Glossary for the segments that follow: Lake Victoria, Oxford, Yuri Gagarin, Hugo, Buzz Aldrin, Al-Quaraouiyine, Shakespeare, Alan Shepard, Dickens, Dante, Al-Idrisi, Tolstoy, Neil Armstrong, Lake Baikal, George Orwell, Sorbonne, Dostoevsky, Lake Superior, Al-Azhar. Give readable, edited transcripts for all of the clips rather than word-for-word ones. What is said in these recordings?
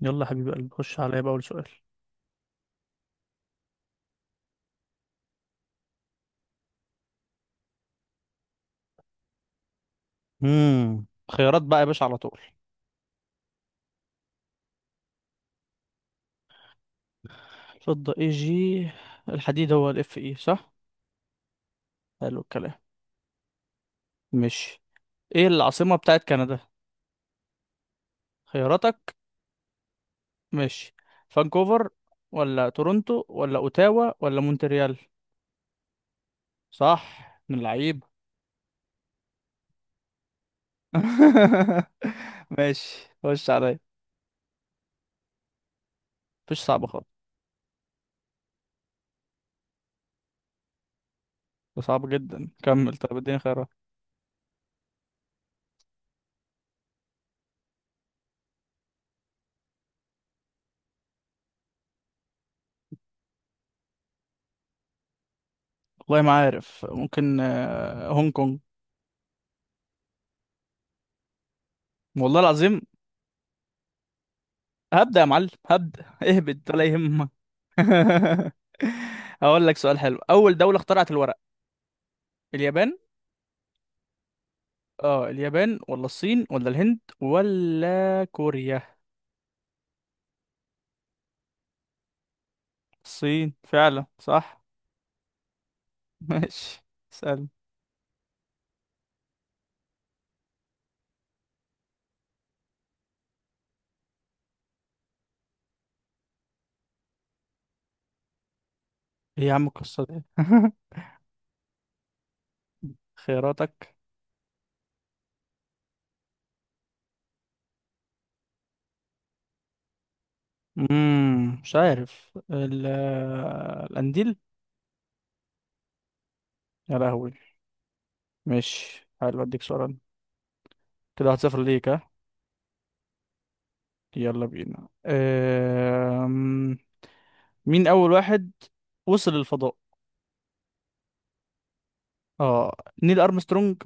يلا حبيب قلبي خش عليا بقى اول سؤال. امم خيارات بقى يا باشا على طول. فضة اي جي. الحديد هو الاف اي، صح؟ حلو الكلام. ماشي، ايه العاصمة بتاعت كندا؟ خياراتك. ماشي، فانكوفر ولا تورونتو ولا اوتاوا ولا مونتريال؟ صح من اللعيب. ماشي، خش عليا. مفيش صعبة خالص. ده صعب جدا، كمل، طب اديني خيارات. والله ما عارف، ممكن هونج كونج. والله العظيم هبدأ يا معلم، هبدأ اهبد ولا يهمك. هقول لك سؤال حلو. أول دولة اخترعت الورق؟ اليابان. اه، اليابان ولا الصين ولا الهند ولا كوريا؟ الصين فعلا، صح؟ ماشي، اسأل. ايه يا عم القصة دي؟ خياراتك. مش عارف، القنديل. يا لهوي. ماشي، حلو، اديك سؤال أنا. كده واحد صفر ليك، ها. يلا بينا. مين أول واحد وصل للفضاء؟ اه، نيل ارمسترونج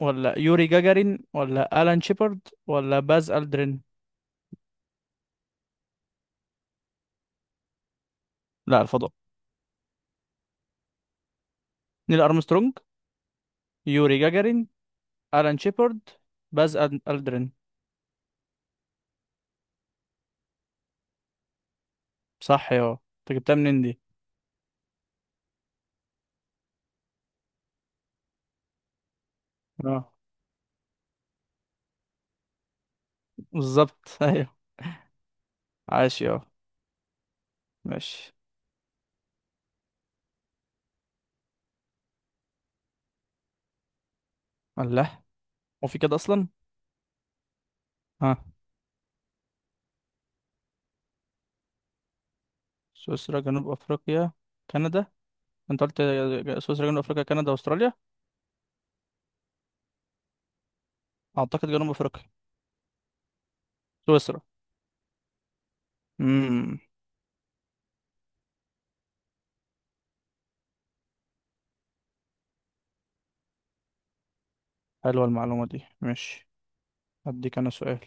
ولا يوري جاجارين ولا الان شيبرد ولا باز الدرين؟ لا، الفضاء. نيل ارمسترونج، يوري جاجارين، الان شيبرد، باز الدرين. صح يا، انت جبتها منين دي؟ اه، بالظبط. ايوه. عاش يا. ماشي. الله، هو في كده اصلا؟ ها. سويسرا، جنوب افريقيا، كندا. انت قلت سويسرا، جنوب افريقيا، كندا، استراليا. اعتقد جنوب افريقيا. سويسرا. امم حلوه المعلومه دي، ماشي. هديك انا سؤال.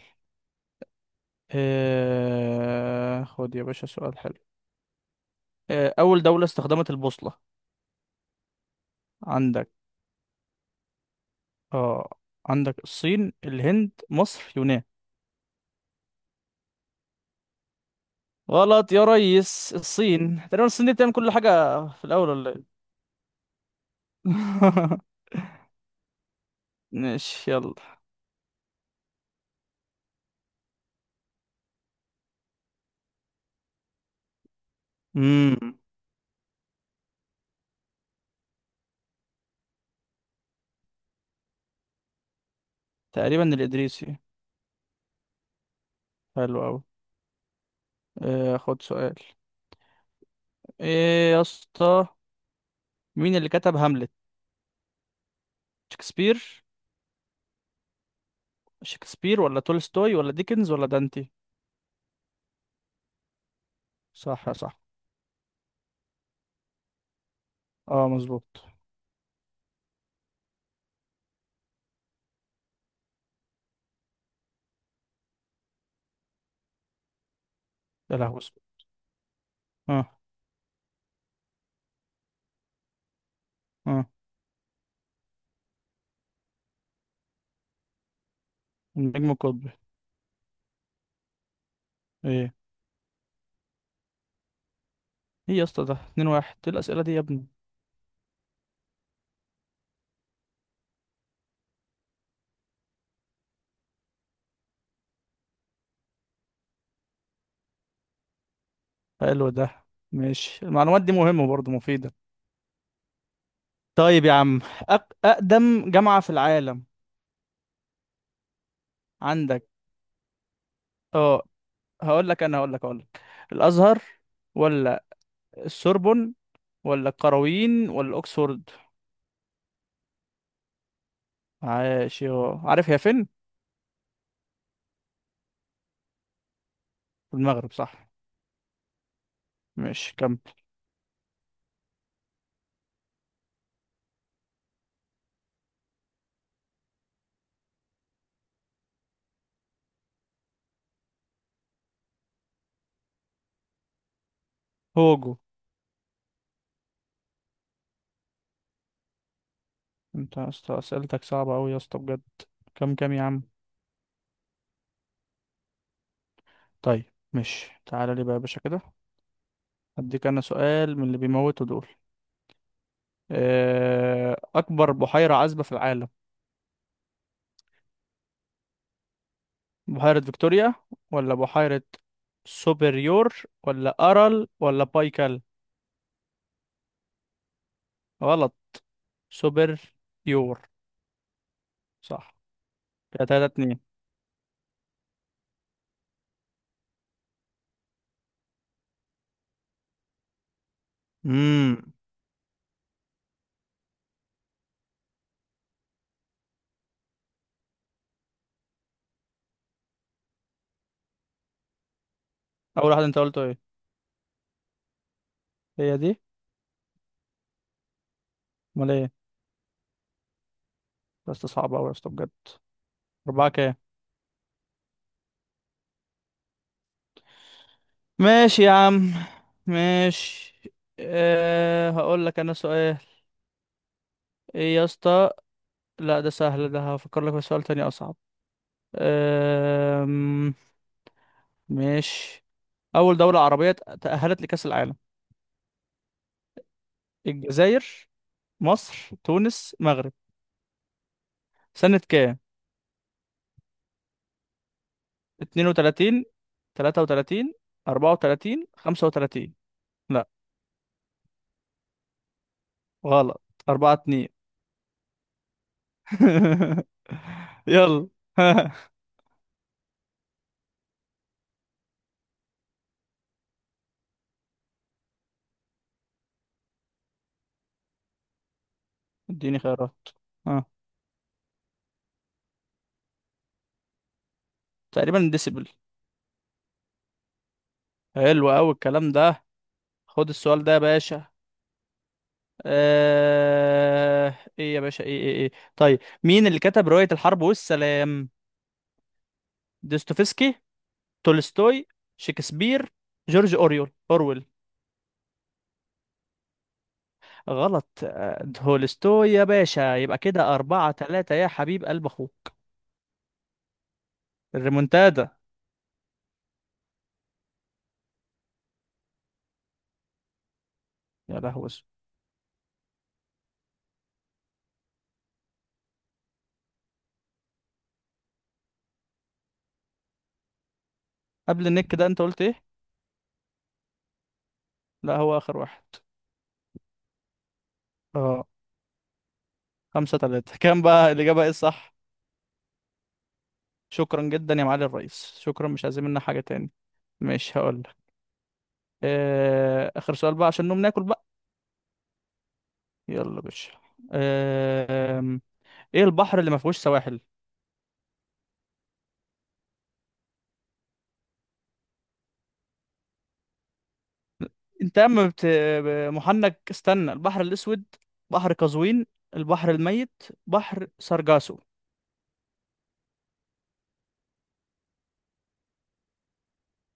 آه، خد يا باشا سؤال حلو. آه، أول دولة استخدمت البوصلة. عندك. اه، عندك الصين، الهند، مصر، يونان. غلط يا ريس، الصين، تقريبا الصين دي بتعمل كل حاجة. في الأول ولا إيه؟ ماشي، يلا. امم تقريبا الإدريسي. حلو أوي. آه، خد سؤال. إيه يا اسطى؟ مين اللي كتب هاملت؟ شكسبير. شكسبير ولا تولستوي ولا ديكنز ولا دانتي؟ صح يا، صح. اه، مظبوط. يا لهوي. اه. اه، النجم القطبي. ايه ايه يا اسطى، ده اتنين واحد، ايه الاسئله دي يا ابني؟ حلو ده. ماشي، المعلومات دي مهمه برضه، مفيده. طيب يا عم، اقدم جامعه في العالم؟ عندك. اه، هقول لك انا، هقول لك الازهر ولا السوربون ولا القرويين ولا اوكسفورد؟ عاش يا، عارف هي فين؟ في المغرب، صح. ماشي، كمل. هوجو. انت يا اسطى اسئلتك صعبه قوي يا اسطى، بجد. كم يا عم؟ طيب، ماشي، تعالى لي بقى يا باشا كده، هديك انا سؤال من اللي بيموتوا دول. أكبر بحيرة عذبة في العالم. بحيرة فيكتوريا ولا بحيرة سوبريور ولا أرل ولا بايكال؟ غلط. سوبريور. صح. كده تلاتة اتنين. امم أول واحد أنت قلته إيه؟ هي دي. أمال إيه؟ بس صعبة أوي يا اسطى، بجد. أربعة كام؟ ماشي يا عم، ماشي. أه، هقول لك أنا سؤال. إيه يا اسطى؟ لا، ده سهل، ده هفكر لك في سؤال تاني أصعب. أه، ماشي. أول دولة عربية تأهلت لكأس العالم؟ الجزائر، مصر، تونس، مغرب. سنة كام؟ 32، 33، 34، 35. لا، غلط. 4-2. يلا. اديني خيارات. اه، تقريبا ديسيبل. حلو قوي الكلام ده. خد السؤال ده يا باشا. آه، ايه يا باشا، ايه طيب مين اللي كتب رواية الحرب والسلام؟ دوستويفسكي، تولستوي، شكسبير، جورج أورويل. غلط. تولستوي يا باشا، يبقى كده أربعة تلاتة يا حبيب قلب أخوه. الريمونتادا. يا لهوي. قبل النك ده أنت قلت إيه؟ لا، هو آخر واحد. أه. خمسة تلاتة، كام بقى؟ الإجابة إيه الصح؟ شكرا جدا يا معالي الرئيس، شكرا، مش عايزين منا حاجة تاني. مش هقول لك. آخر سؤال بقى عشان نقوم ناكل بقى. يلا يا باشا. آه، إيه البحر اللي ما فيهوش سواحل؟ انت اما محنك، استنى. البحر الاسود، بحر قزوين، البحر الميت، بحر سرجاسو.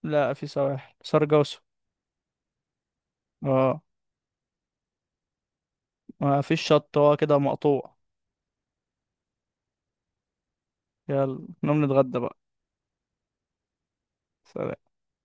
لا، في سواحل سرجاسو. اه. ما فيش شط، هو كده مقطوع. يلا نقوم نتغدى بقى. سلام.